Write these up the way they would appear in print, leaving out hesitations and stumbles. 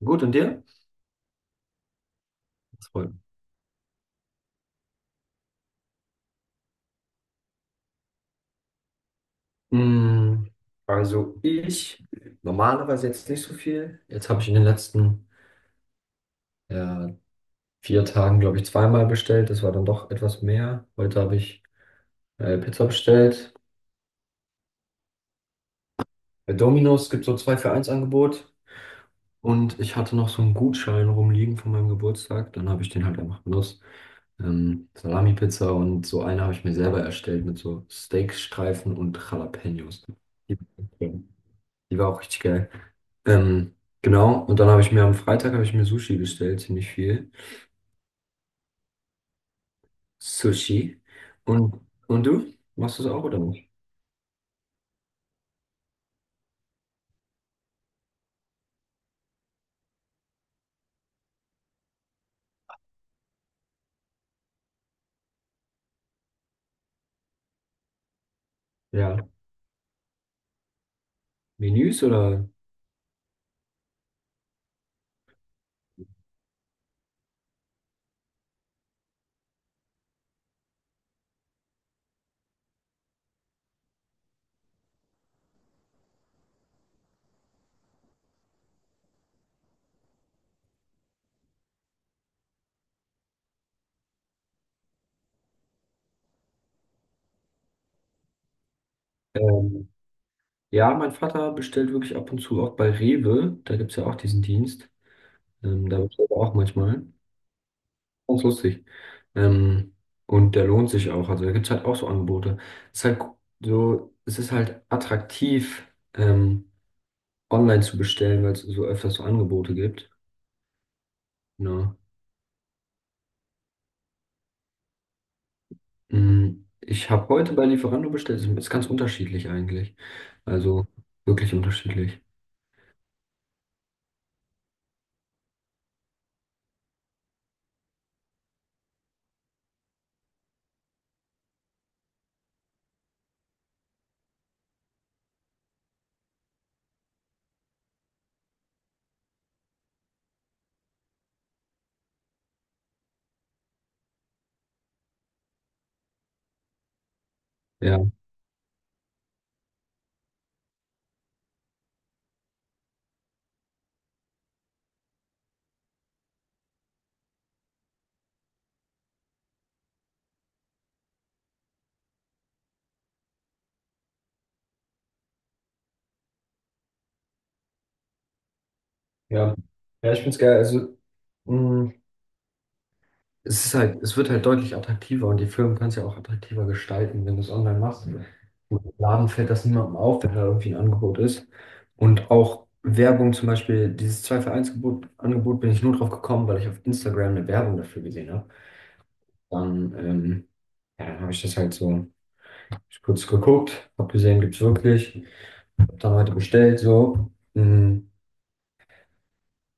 Gut, und dir? Das freut mich. Mm, Also ich normalerweise jetzt nicht so viel. Jetzt habe ich in den letzten äh, vier Tagen, glaube ich, zweimal bestellt. Das war dann doch etwas mehr. Heute habe ich Pizza bestellt. Bei Domino's gibt es so 2 für eins Angebot. Und ich hatte noch so einen Gutschein rumliegen von meinem Geburtstag. Dann habe ich den halt einfach benutzt. Salami-Pizza und so eine habe ich mir selber erstellt mit so Steakstreifen und Jalapenos. Die- Die war auch richtig geil. Ähm, genau, und dann habe ich mir am Freitag habe ich mir Sushi bestellt, ziemlich viel. Sushi. Und, und du? Machst du es auch oder nicht? Ja. Menüs oder? Ähm, ja, mein Vater bestellt wirklich ab und zu auch bei Rewe. Da gibt es ja auch diesen Dienst. Da bestellt er auch manchmal. Ganz lustig. Ähm, und der lohnt sich auch. Also da gibt es halt auch so Angebote. Es ist halt es ist halt attraktiv, ähm, online zu bestellen, weil es so öfters so Angebote gibt. Ja. Ich habe heute bei Lieferando bestellt. Ist ganz unterschiedlich eigentlich. Also wirklich unterschiedlich. Ja. Ja. Ja, ich finde es geil. Also mm, es ist halt, es wird halt deutlich attraktiver, und die Firmen können es ja auch attraktiver gestalten, wenn du es online machst. Im Laden fällt das niemandem auf, wenn da irgendwie ein Angebot ist. Und auch Werbung zum Beispiel, dieses 2 für eins Gebot, Angebot, bin ich nur drauf gekommen, weil ich auf Instagram eine Werbung dafür gesehen habe. Dann, ähm, ja, dann habe ich das halt so. Ich kurz geguckt, hab gesehen, gibt's wirklich. Hab dann heute bestellt, so. Mm.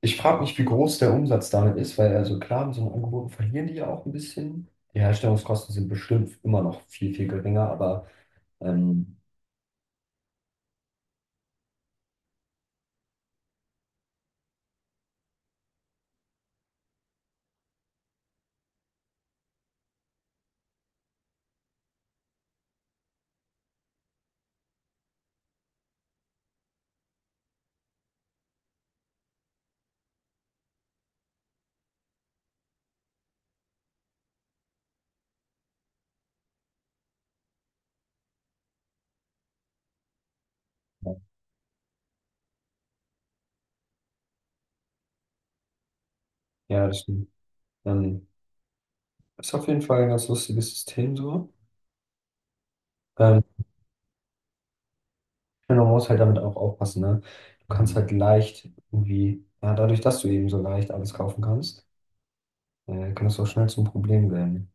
Ich frage mich, wie groß der Umsatz damit ist, weil, also klar, mit so einem Angebot verlieren die ja auch ein bisschen. Die Herstellungskosten sind bestimmt immer noch viel, viel geringer, aber ähm, ja, das stimmt. Ähm, Ist auf jeden Fall ein ganz lustiges System so. Ähm, Man muss halt damit auch aufpassen, ne? Du kannst halt leicht, irgendwie, ja, dadurch, dass du eben so leicht alles kaufen kannst, kann das auch schnell zum Problem werden.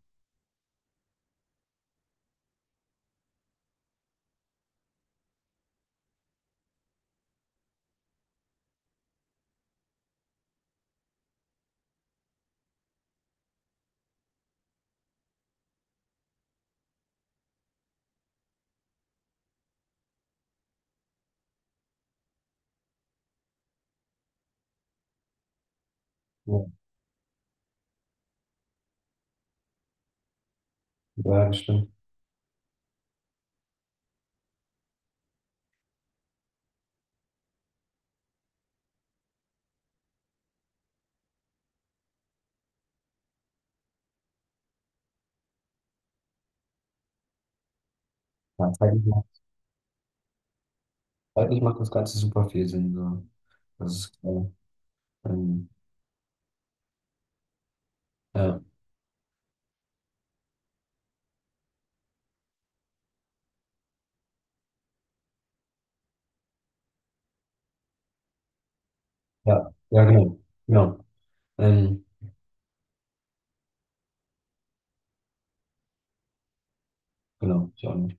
Ja, ja, das stimmt. Ja, zeig ich mal. Zeitlich macht das Ganze super viel Sinn. So. Das ist klar. Ähm, ja, ja, ja, genau. Ja, Ähm, genau, ich auch nicht.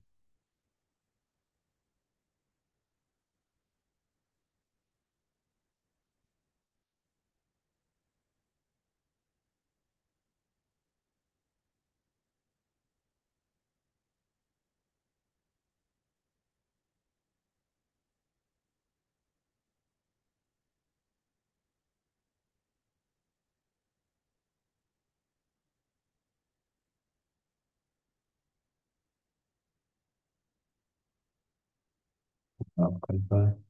Ja, auf keinen Fall.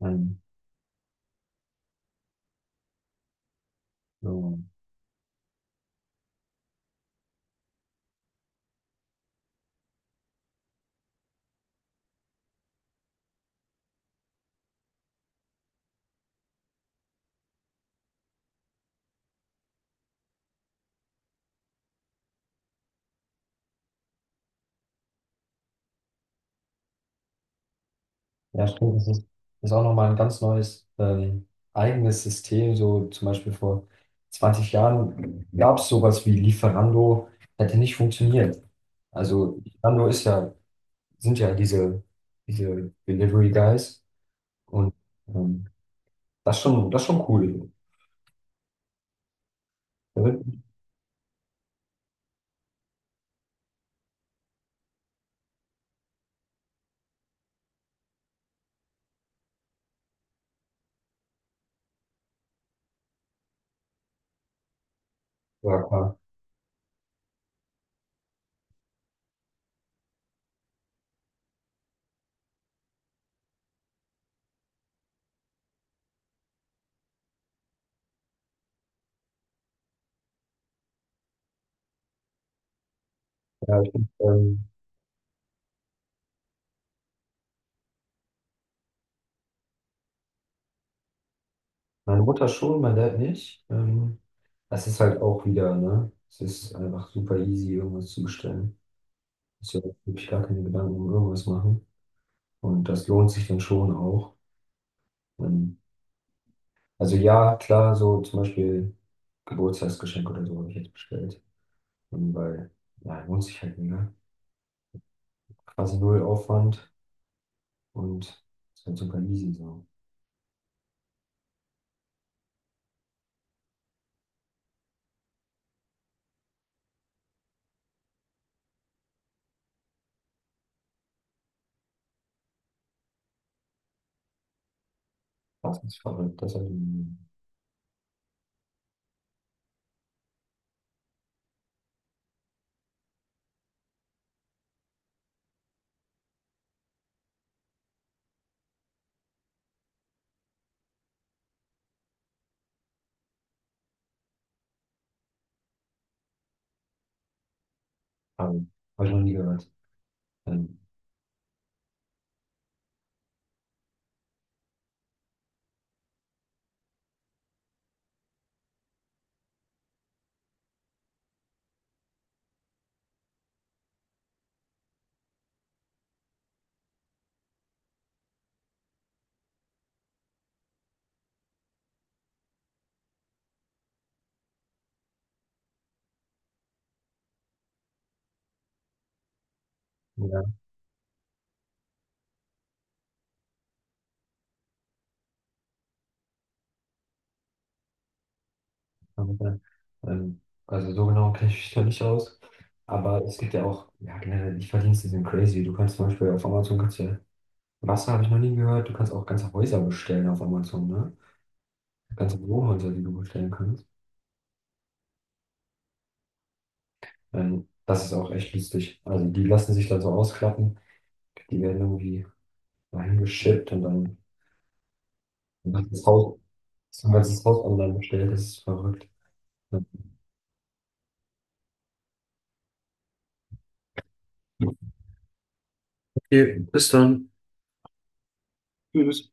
Ähm, so. Ja, stimmt, das ist auch nochmal ein ganz neues, eigenes System. So zum Beispiel, vor 20 Jahren gab es sowas wie Lieferando, hätte nicht funktioniert. Also Lieferando sind ja diese Delivery Guys und, ähm, das ist schon cool. Ja, klar. Ja, ähm, meine Mutter schon, mein Dad nicht. Das ist halt auch wieder, ne? Es ist einfach super easy, irgendwas zu bestellen. Muss ja wirklich gar keine Gedanken um irgendwas machen. Und das lohnt sich dann schon auch. Ähm, also ja, klar, so zum Beispiel Geburtstagsgeschenk oder so habe ich jetzt bestellt. Weil, ja, lohnt sich halt mega. Quasi null Aufwand und ist halt super easy so. Das ist verrückt, hab ich noch nie gehört. Ähm, ja. Aber, ähm, also so genau kenne ich mich da nicht aus. Aber es gibt ja auch, ja, generell, die Verdienste sind crazy. Du kannst zum Beispiel auf Amazon, kannst ja, Wasser habe ich noch nie gehört, du kannst auch ganze Häuser bestellen auf Amazon, ne? Ganze Wohnhäuser, die du bestellen kannst. Das ist auch echt lustig. Also die lassen sich dann so ausklappen, die werden irgendwie dahin geschippt und dann ein ganzes Haus, ein ganzes Haus online bestellt, das ist verrückt. Ja. Okay, bis dann. Tschüss.